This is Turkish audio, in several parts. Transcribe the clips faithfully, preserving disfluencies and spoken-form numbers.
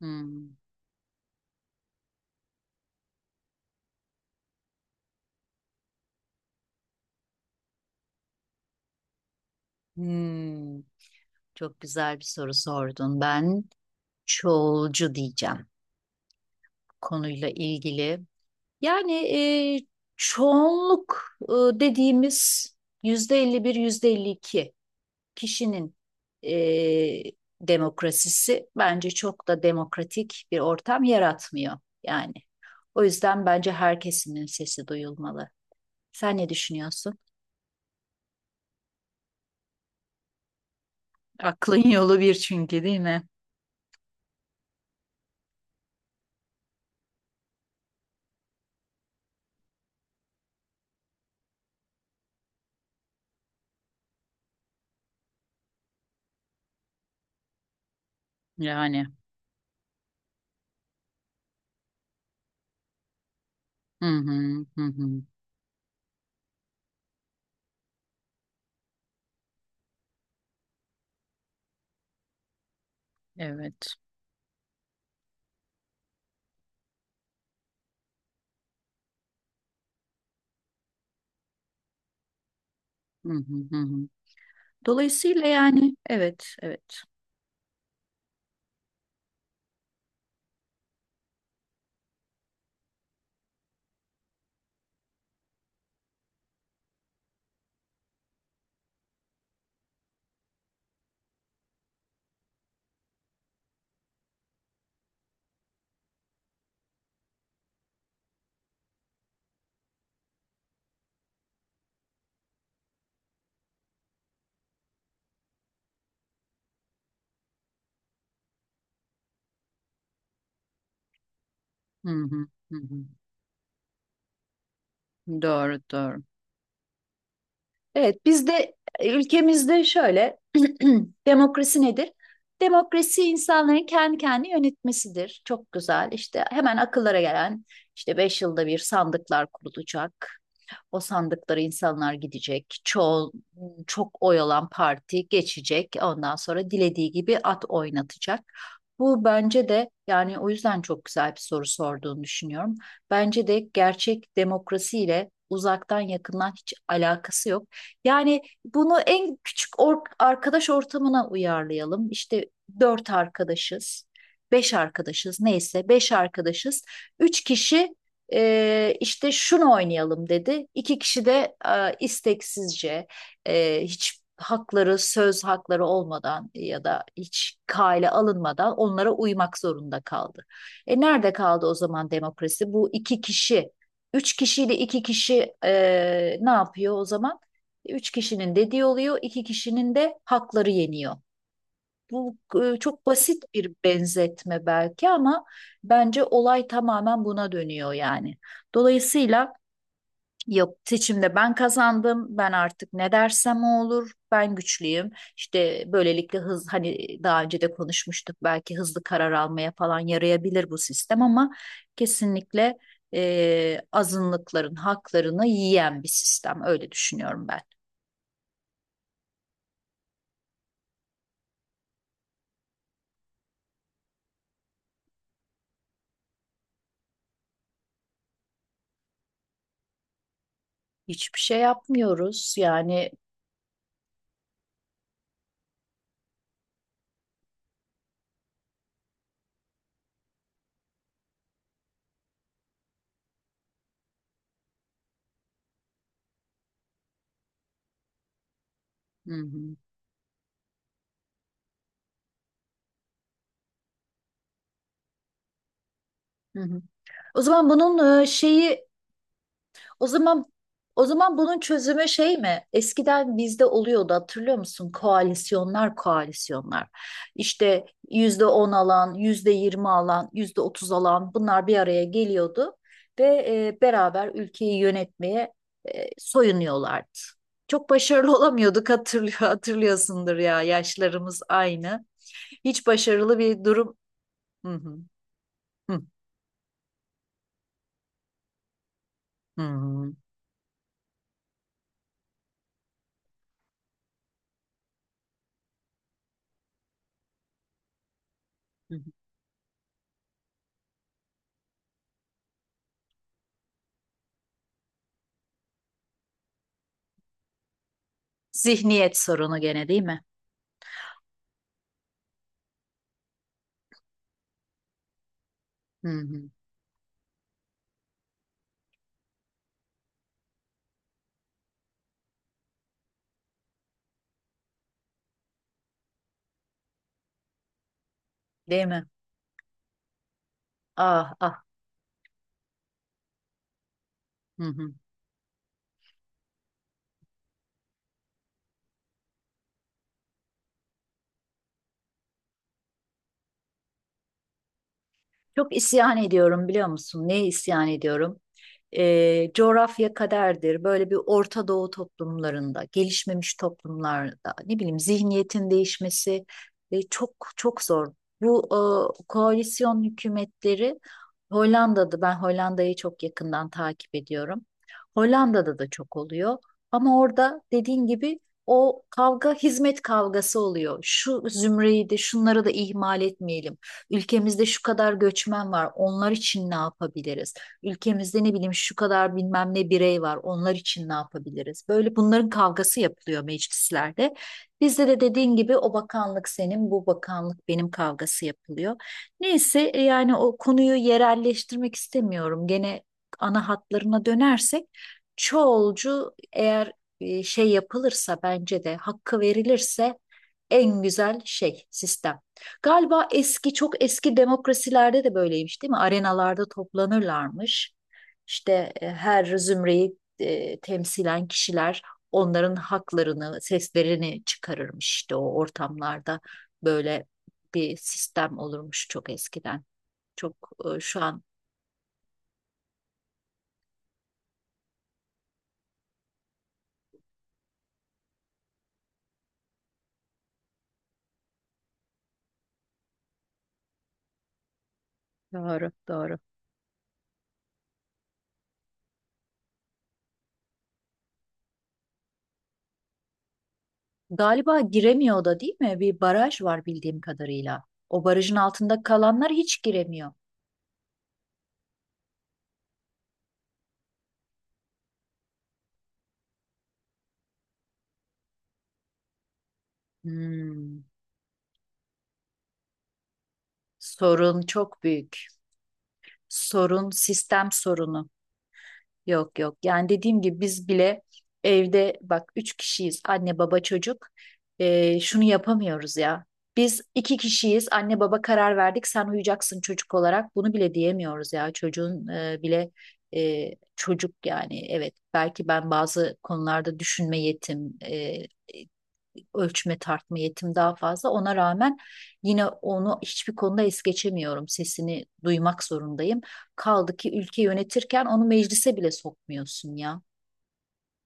Hmm. Hmm. Çok güzel bir soru sordun. Ben çoğulcu diyeceğim konuyla ilgili. Yani e, çoğunluk e, dediğimiz yüzde elli bir, yüzde elli iki kişinin e, demokrasisi bence çok da demokratik bir ortam yaratmıyor yani. O yüzden bence herkesin sesi duyulmalı. Sen ne düşünüyorsun? Aklın yolu bir çünkü değil mi? Yani. Hı hı hı hı. Evet. Hı hı hı, hı. Dolayısıyla yani evet, evet. Hı hı hı, hı. Doğru, doğru. Evet, bizde ülkemizde şöyle demokrasi nedir? Demokrasi insanların kendi kendini yönetmesidir. Çok güzel. İşte hemen akıllara gelen işte beş yılda bir sandıklar kurulacak. O sandıkları insanlar gidecek. Çoğu, çok oy alan parti geçecek. Ondan sonra dilediği gibi at oynatacak. Bu bence de yani o yüzden çok güzel bir soru sorduğunu düşünüyorum. Bence de gerçek demokrasiyle uzaktan yakından hiç alakası yok. Yani bunu en küçük or- arkadaş ortamına uyarlayalım. İşte dört arkadaşız, beş arkadaşız neyse beş arkadaşız. Üç kişi e, işte şunu oynayalım dedi. İki kişi de e, isteksizce e, hiç hakları söz hakları olmadan ya da hiç kale alınmadan onlara uymak zorunda kaldı. E nerede kaldı o zaman demokrasi? Bu iki kişi, üç kişiyle iki kişi e, ne yapıyor o zaman? Üç kişinin dediği oluyor, iki kişinin de hakları yeniyor. Bu e, çok basit bir benzetme belki ama bence olay tamamen buna dönüyor yani. Dolayısıyla yap, seçimde ben kazandım. Ben artık ne dersem o olur. Ben güçlüyüm. İşte böylelikle hız hani daha önce de konuşmuştuk belki hızlı karar almaya falan yarayabilir bu sistem ama kesinlikle e, azınlıkların haklarını yiyen bir sistem. Öyle düşünüyorum ben. Hiçbir şey yapmıyoruz yani. Hı hı. Hı hı. O zaman bunun e, şeyi. O zaman o zaman bunun çözümü şey mi? Eskiden bizde oluyordu hatırlıyor musun? Koalisyonlar, koalisyonlar. İşte yüzde on alan, yüzde yirmi alan, yüzde otuz alan bunlar bir araya geliyordu ve e, beraber ülkeyi yönetmeye e, soyunuyorlardı. Çok başarılı olamıyorduk, hatırlıyor, hatırlıyorsundur ya yaşlarımız aynı. Hiç başarılı bir durum. Hı hı, hı, hı, hı. Zihniyet sorunu gene değil mi? Hı hı. Değil mi? Ah ah. Hı hı. Çok isyan ediyorum biliyor musun? Neye isyan ediyorum? Ee, coğrafya kaderdir. Böyle bir Orta Doğu toplumlarında, gelişmemiş toplumlarda, ne bileyim zihniyetin değişmesi e, çok çok zor. Bu e, koalisyon hükümetleri Hollanda'da, ben Hollanda'yı çok yakından takip ediyorum. Hollanda'da da çok oluyor. Ama orada dediğin gibi o kavga hizmet kavgası oluyor. Şu zümreyi de şunları da ihmal etmeyelim. Ülkemizde şu kadar göçmen var. Onlar için ne yapabiliriz? Ülkemizde ne bileyim şu kadar bilmem ne birey var. Onlar için ne yapabiliriz? Böyle bunların kavgası yapılıyor meclislerde. Bizde de dediğin gibi o bakanlık senin, bu bakanlık benim kavgası yapılıyor. Neyse e, yani o konuyu yerelleştirmek istemiyorum. Gene ana hatlarına dönersek çoğulcu eğer e, şey yapılırsa bence de hakkı verilirse en güzel şey sistem. Galiba eski çok eski demokrasilerde de böyleymiş değil mi? Arenalarda toplanırlarmış. İşte e, her zümreyi e, temsilen kişiler onların haklarını, seslerini çıkarırmış işte o ortamlarda. Böyle bir sistem olurmuş çok eskiden. Çok e, şu an Doğru, doğru. Galiba giremiyor da değil mi? Bir baraj var bildiğim kadarıyla. O barajın altında kalanlar hiç giremiyor. Hmm, sorun çok büyük. Sorun sistem sorunu. Yok yok. Yani dediğim gibi biz bile evde bak üç kişiyiz, anne baba çocuk. Ee, şunu yapamıyoruz ya. Biz iki kişiyiz, anne baba karar verdik sen uyuyacaksın çocuk olarak, bunu bile diyemiyoruz ya çocuğun e, bile e, çocuk yani evet belki ben bazı konularda düşünme yetim, e, ölçme tartma yetim daha fazla. Ona rağmen yine onu hiçbir konuda es geçemiyorum. Sesini duymak zorundayım. Kaldı ki ülke yönetirken onu meclise bile sokmuyorsun ya.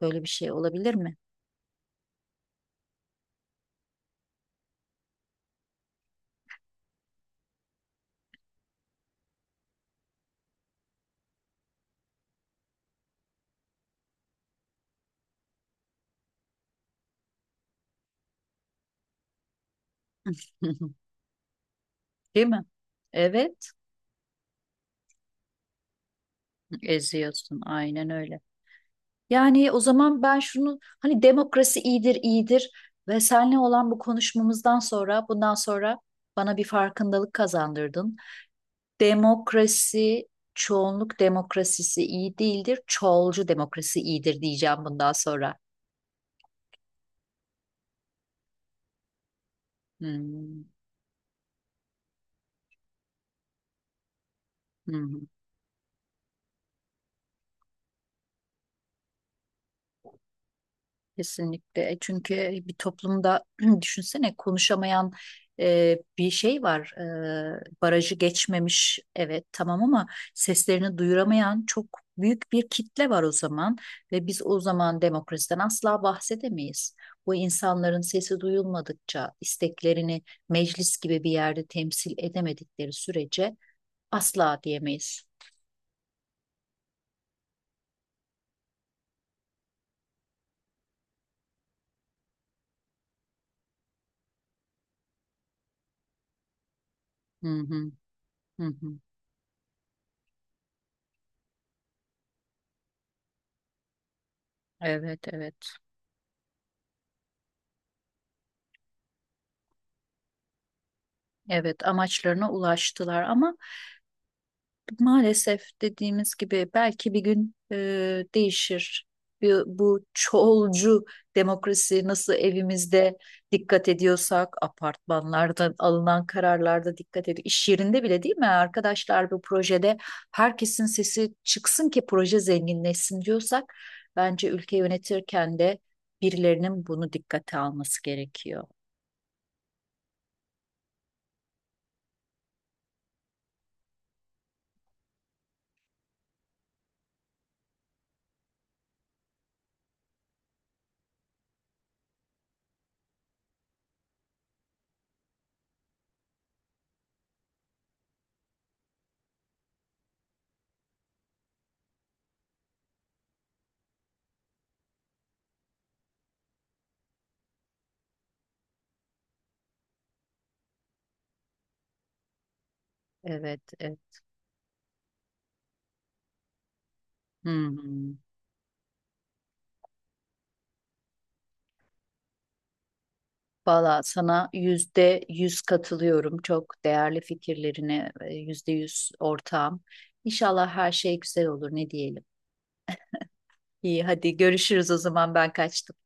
Böyle bir şey olabilir mi? Değil mi? Evet, eziyorsun. Aynen öyle. Yani o zaman ben şunu, hani demokrasi iyidir, iyidir ve seninle olan bu konuşmamızdan sonra bundan sonra bana bir farkındalık kazandırdın. Demokrasi, çoğunluk demokrasisi iyi değildir. Çoğulcu demokrasi iyidir diyeceğim bundan sonra. Hmm. Hı hı. Kesinlikle. E, Çünkü e, bir toplumda düşünsene konuşamayan e, bir şey var. E, barajı geçmemiş evet tamam ama seslerini duyuramayan çok büyük bir kitle var o zaman ve biz o zaman demokrasiden asla bahsedemeyiz. Bu insanların sesi duyulmadıkça, isteklerini meclis gibi bir yerde temsil edemedikleri sürece asla diyemeyiz. Hı hı, hı hı. Evet, evet. Evet, amaçlarına ulaştılar ama maalesef dediğimiz gibi belki bir gün e, değişir. Bir- bu çoğulcu demokrasi nasıl evimizde dikkat ediyorsak, apartmanlarda alınan kararlarda dikkat ediyor. İş yerinde bile değil mi arkadaşlar bu projede herkesin sesi çıksın ki proje zenginleşsin diyorsak, bence ülke yönetirken de birilerinin bunu dikkate alması gerekiyor. Evet, evet. Hı hı. Valla sana yüzde yüz katılıyorum. Çok değerli fikirlerine e, yüzde yüz ortağım. İnşallah her şey güzel olur ne diyelim. İyi hadi görüşürüz o zaman ben kaçtım.